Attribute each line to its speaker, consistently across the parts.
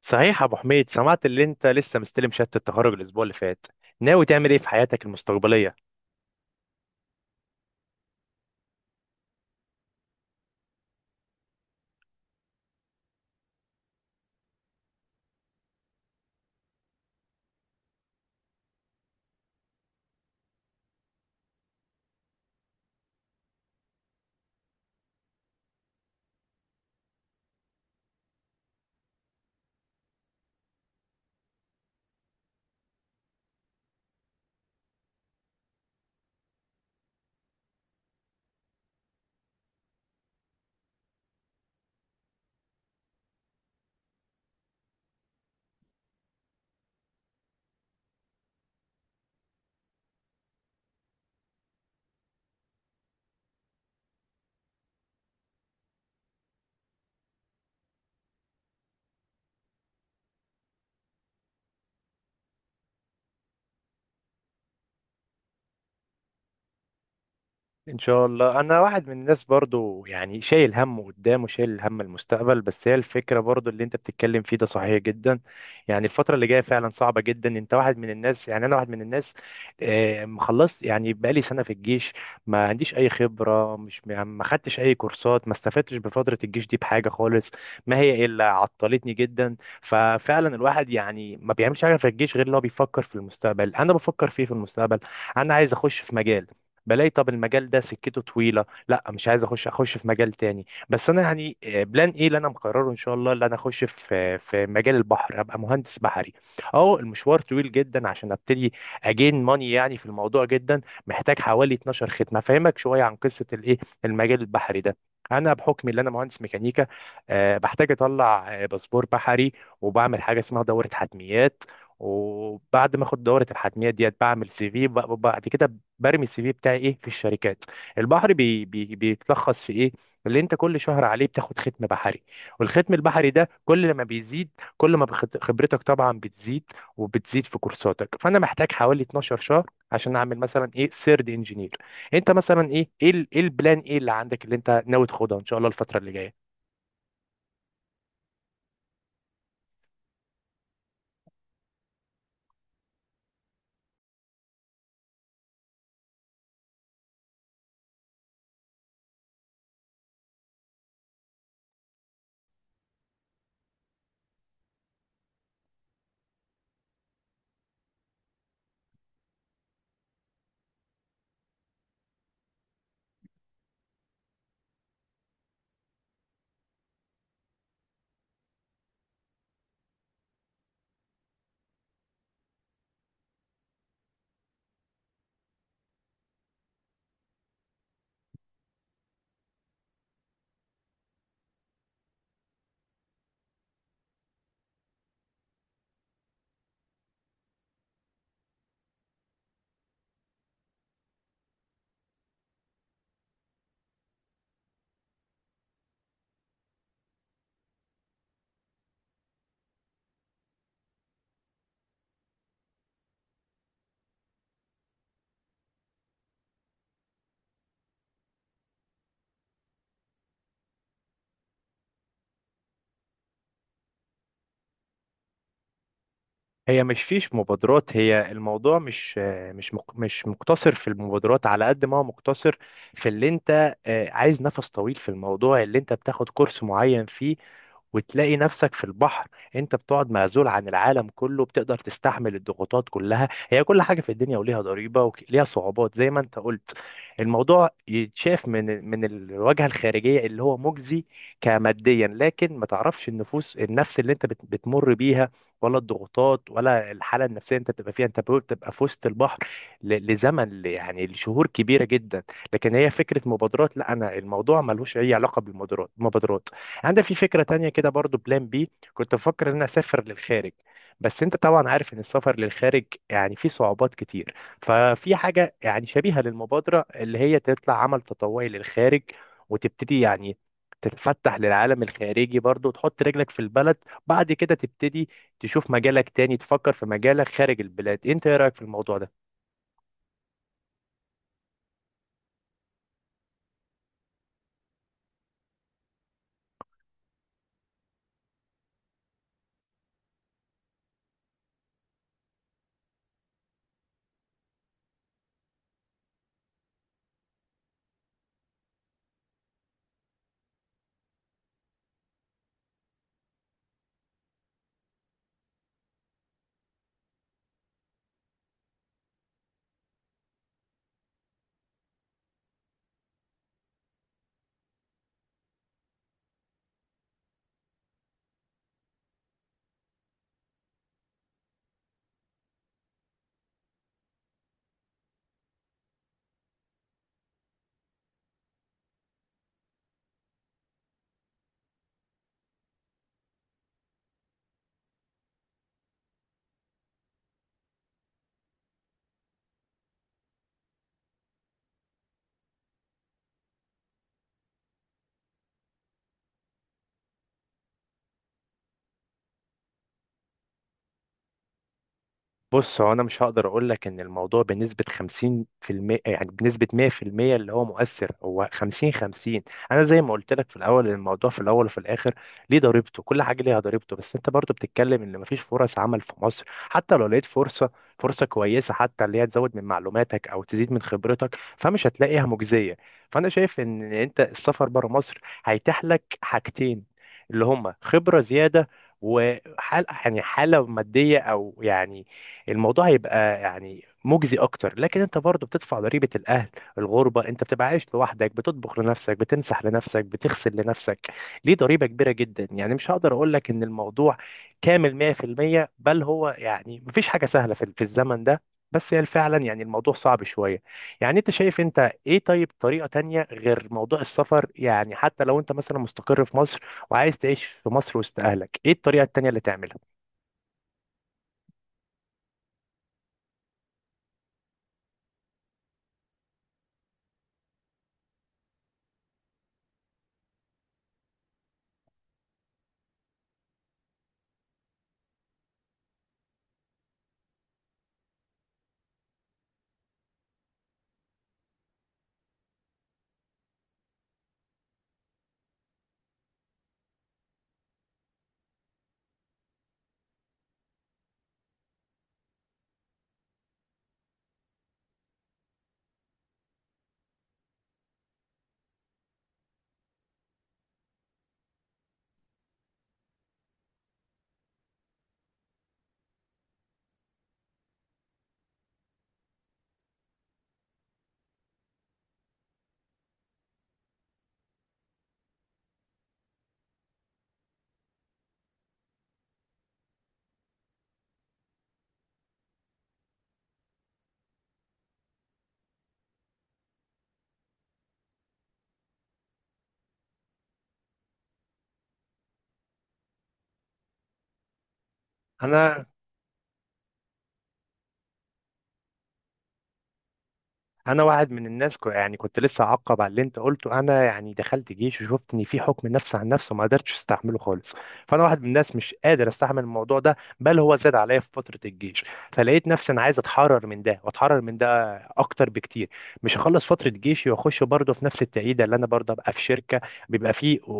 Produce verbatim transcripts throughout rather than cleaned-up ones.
Speaker 1: صحيح يا ابو حميد، سمعت اللي انت لسه مستلم شهادة التخرج الاسبوع اللي فات. ناوي تعمل ايه في حياتك المستقبلية؟ ان شاء الله. انا واحد من الناس برضو يعني شايل هم قدام وشايل هم المستقبل، بس هي الفكره برضو اللي انت بتتكلم فيه ده صحيح جدا. يعني الفتره اللي جايه فعلا صعبه جدا، انت واحد من الناس، يعني انا واحد من الناس. آه، مخلصت يعني بقالي سنه في الجيش، ما عنديش اي خبره، مش يعني ما خدتش اي كورسات، ما استفدتش بفتره الجيش دي بحاجه خالص، ما هي الا عطلتني جدا. ففعلا الواحد يعني ما بيعملش حاجه في الجيش غير ان هو بيفكر في المستقبل. انا بفكر فيه في المستقبل. انا عايز اخش في مجال، بلاقي طب المجال ده سكته طويله، لا مش عايز اخش اخش في مجال تاني. بس انا يعني آه، بلان ايه اللي انا مقرره ان شاء الله اللي انا اخش في في مجال البحر، هبقى مهندس بحري. اه المشوار طويل جدا عشان ابتدي اجين ماني يعني في الموضوع جدا. محتاج حوالي اتناشر ختمه افهمك شويه عن قصه الايه المجال البحري ده. انا بحكم ان انا مهندس ميكانيكا أه بحتاج اطلع آه، باسبور بحري، وبعمل حاجه اسمها دوره حتميات، وبعد ما اخد دوره الحتميات ديت بعمل سي في. بعد كده برمي السي في بتاعي ايه في الشركات. البحر بي بي بيتلخص في ايه اللي انت كل شهر عليه بتاخد ختم بحري، والختم البحري ده كل ما بيزيد، كل ما بخت- خبرتك طبعا بتزيد وبتزيد في كورساتك. فانا محتاج حوالي اتناشر شهر عشان اعمل مثلا ايه سيرد انجينير. انت مثلا ايه ايه ال- إيه البلان ايه اللي عندك اللي انت ناوي تاخدها ان شاء الله الفتره اللي جايه؟ هي مش فيش مبادرات، هي الموضوع مش مش مق- مش مقتصر في المبادرات على قد ما هو مقتصر في اللي انت آه، عايز نفس طويل في الموضوع اللي انت بتاخد كورس معين فيه وتلاقي نفسك في البحر. انت بتقعد معزول عن العالم كله، بتقدر تستحمل الضغوطات كلها؟ هي كل حاجة في الدنيا وليها ضريبة وليها صعوبات زي ما انت قلت. الموضوع يتشاف من من الواجهة الخارجية اللي هو مجزي كماديا، لكن ما تعرفش النفوس النفس اللي انت بت- بتمر بيها، ولا الضغوطات، ولا الحاله النفسيه انت بتبقى فيها. انت بتبقى في وسط البحر ل- لزمن ل- يعني لشهور كبيره جدا. لكن هي فكره مبادرات، لا انا الموضوع ملوش اي علاقه بالمبادرات. مبادرات عندي في فكره تانية كده برضو، بلان بي، كنت بفكر ان انا اسافر للخارج. بس انت طبعا عارف ان السفر للخارج يعني فيه صعوبات كتير. ففي حاجه يعني شبيهه للمبادره اللي هي تطلع عمل تطوعي للخارج، وتبتدي يعني تتفتح للعالم الخارجي برضو، وتحط رجلك في البلد. بعد كده تبتدي تشوف مجالك تاني، تفكر في مجالك خارج البلاد. انت ايه رأيك في الموضوع ده؟ بص، هو انا مش هقدر اقول لك ان الموضوع بنسبه خمسين في المية، يعني بنسبه مية بالمية اللي هو مؤثر. هو خمسين خمسين. انا زي ما قلت لك في الاول، الموضوع في الاول وفي الاخر ليه ضريبته، كل حاجه ليها ضريبته. بس انت برضو بتتكلم ان مفيش فرص عمل في مصر. حتى لو لقيت فرصه فرصه كويسه، حتى اللي هي تزود من معلوماتك او تزيد من خبرتك، فمش هتلاقيها مجزيه. فانا شايف ان انت السفر بره مصر هيتيح لك حاجتين اللي هما خبره زياده، وحال يعني حالة مادية أو يعني الموضوع هيبقى يعني مجزي اكتر. لكن انت برضو بتدفع ضريبة الاهل، الغربة، انت بتبقى عايش لوحدك، بتطبخ لنفسك، بتمسح لنفسك، بتغسل لنفسك، ليه ضريبة كبيرة جدا. يعني مش هقدر اقول لك ان الموضوع كامل مئة بالمية، بل هو يعني مفيش حاجة سهلة في في الزمن ده. بس هي فعلا يعني الموضوع صعب شوية. يعني انت شايف انت ايه طيب طريقة تانية غير موضوع السفر؟ يعني حتى لو انت مثلا مستقر في مصر وعايز تعيش في مصر وسط اهلك، ايه الطريقة التانية اللي تعملها؟ انا واحد من الناس كو يعني كنت لسه اعقب على اللي انت قلته. انا يعني دخلت جيش وشفت ان في حكم نفس عن نفس وما قدرتش استحمله خالص. فانا واحد من الناس مش قادر استحمل الموضوع ده، بل هو زاد عليا في فتره الجيش. فلقيت نفسي انا عايز اتحرر من ده واتحرر من ده اكتر بكتير. مش هخلص فتره جيشي واخش برضه في نفس التعيده اللي انا برضه ابقى في شركه بيبقى فيه و-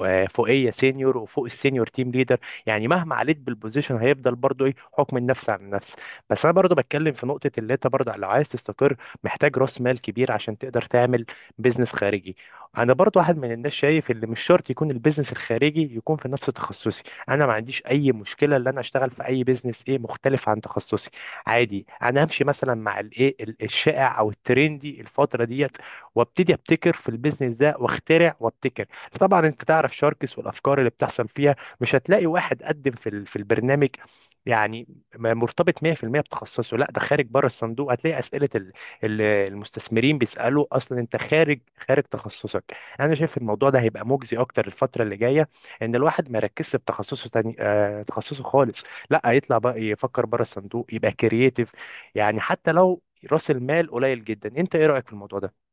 Speaker 1: و- آه فوقيه سينيور وفوق السينيور تيم ليدر. يعني مهما عليت بالبوزيشن هيفضل برضه ايه حكم النفس عن النفس. بس انا برضه بتكلم في نقطه اللي انت برضه لو عايز تستقر محتاج راس مال كبير عشان تقدر تعمل بيزنس خارجي. انا برضو واحد من الناس شايف ان مش شرط يكون البيزنس الخارجي يكون في نفس تخصصي. انا ما عنديش اي مشكله ان انا اشتغل في اي بيزنس ايه مختلف عن تخصصي. عادي انا همشي مثلا مع الايه ال- الشائع او الترندي الفتره ديت، وابتدي ابتكر في البيزنس ده واخترع وابتكر. طبعا انت تعرف شاركس والافكار اللي بتحصل فيها. مش هتلاقي واحد قدم في ال- في البرنامج يعني م- مرتبط مية بالمية بتخصصه، لا ده خارج بره الصندوق. هتلاقي اسئله ال- المستثمرين بيسألوا اصلا انت خارج خارج تخصصك. انا شايف الموضوع ده هيبقى مجزي اكتر الفترة اللي جاية. ان الواحد ما يركزش في تخصصه تاني آه تخصصه خالص، لا يطلع بقى يفكر بره الصندوق، يبقى كرييتيف. يعني حتى لو راس المال قليل جدا. انت ايه رأيك في الموضوع ده؟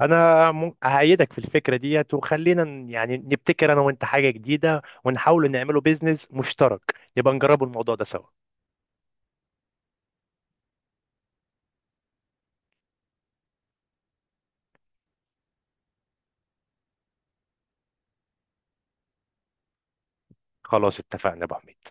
Speaker 1: انا مم- اهيدك في الفكرة ديت، وخلينا ن- يعني نبتكر انا وانت حاجة جديدة ونحاول نعمله بيزنس مشترك. نبقى نجربوا الموضوع ده سوا. خلاص اتفقنا يا ابو حميد.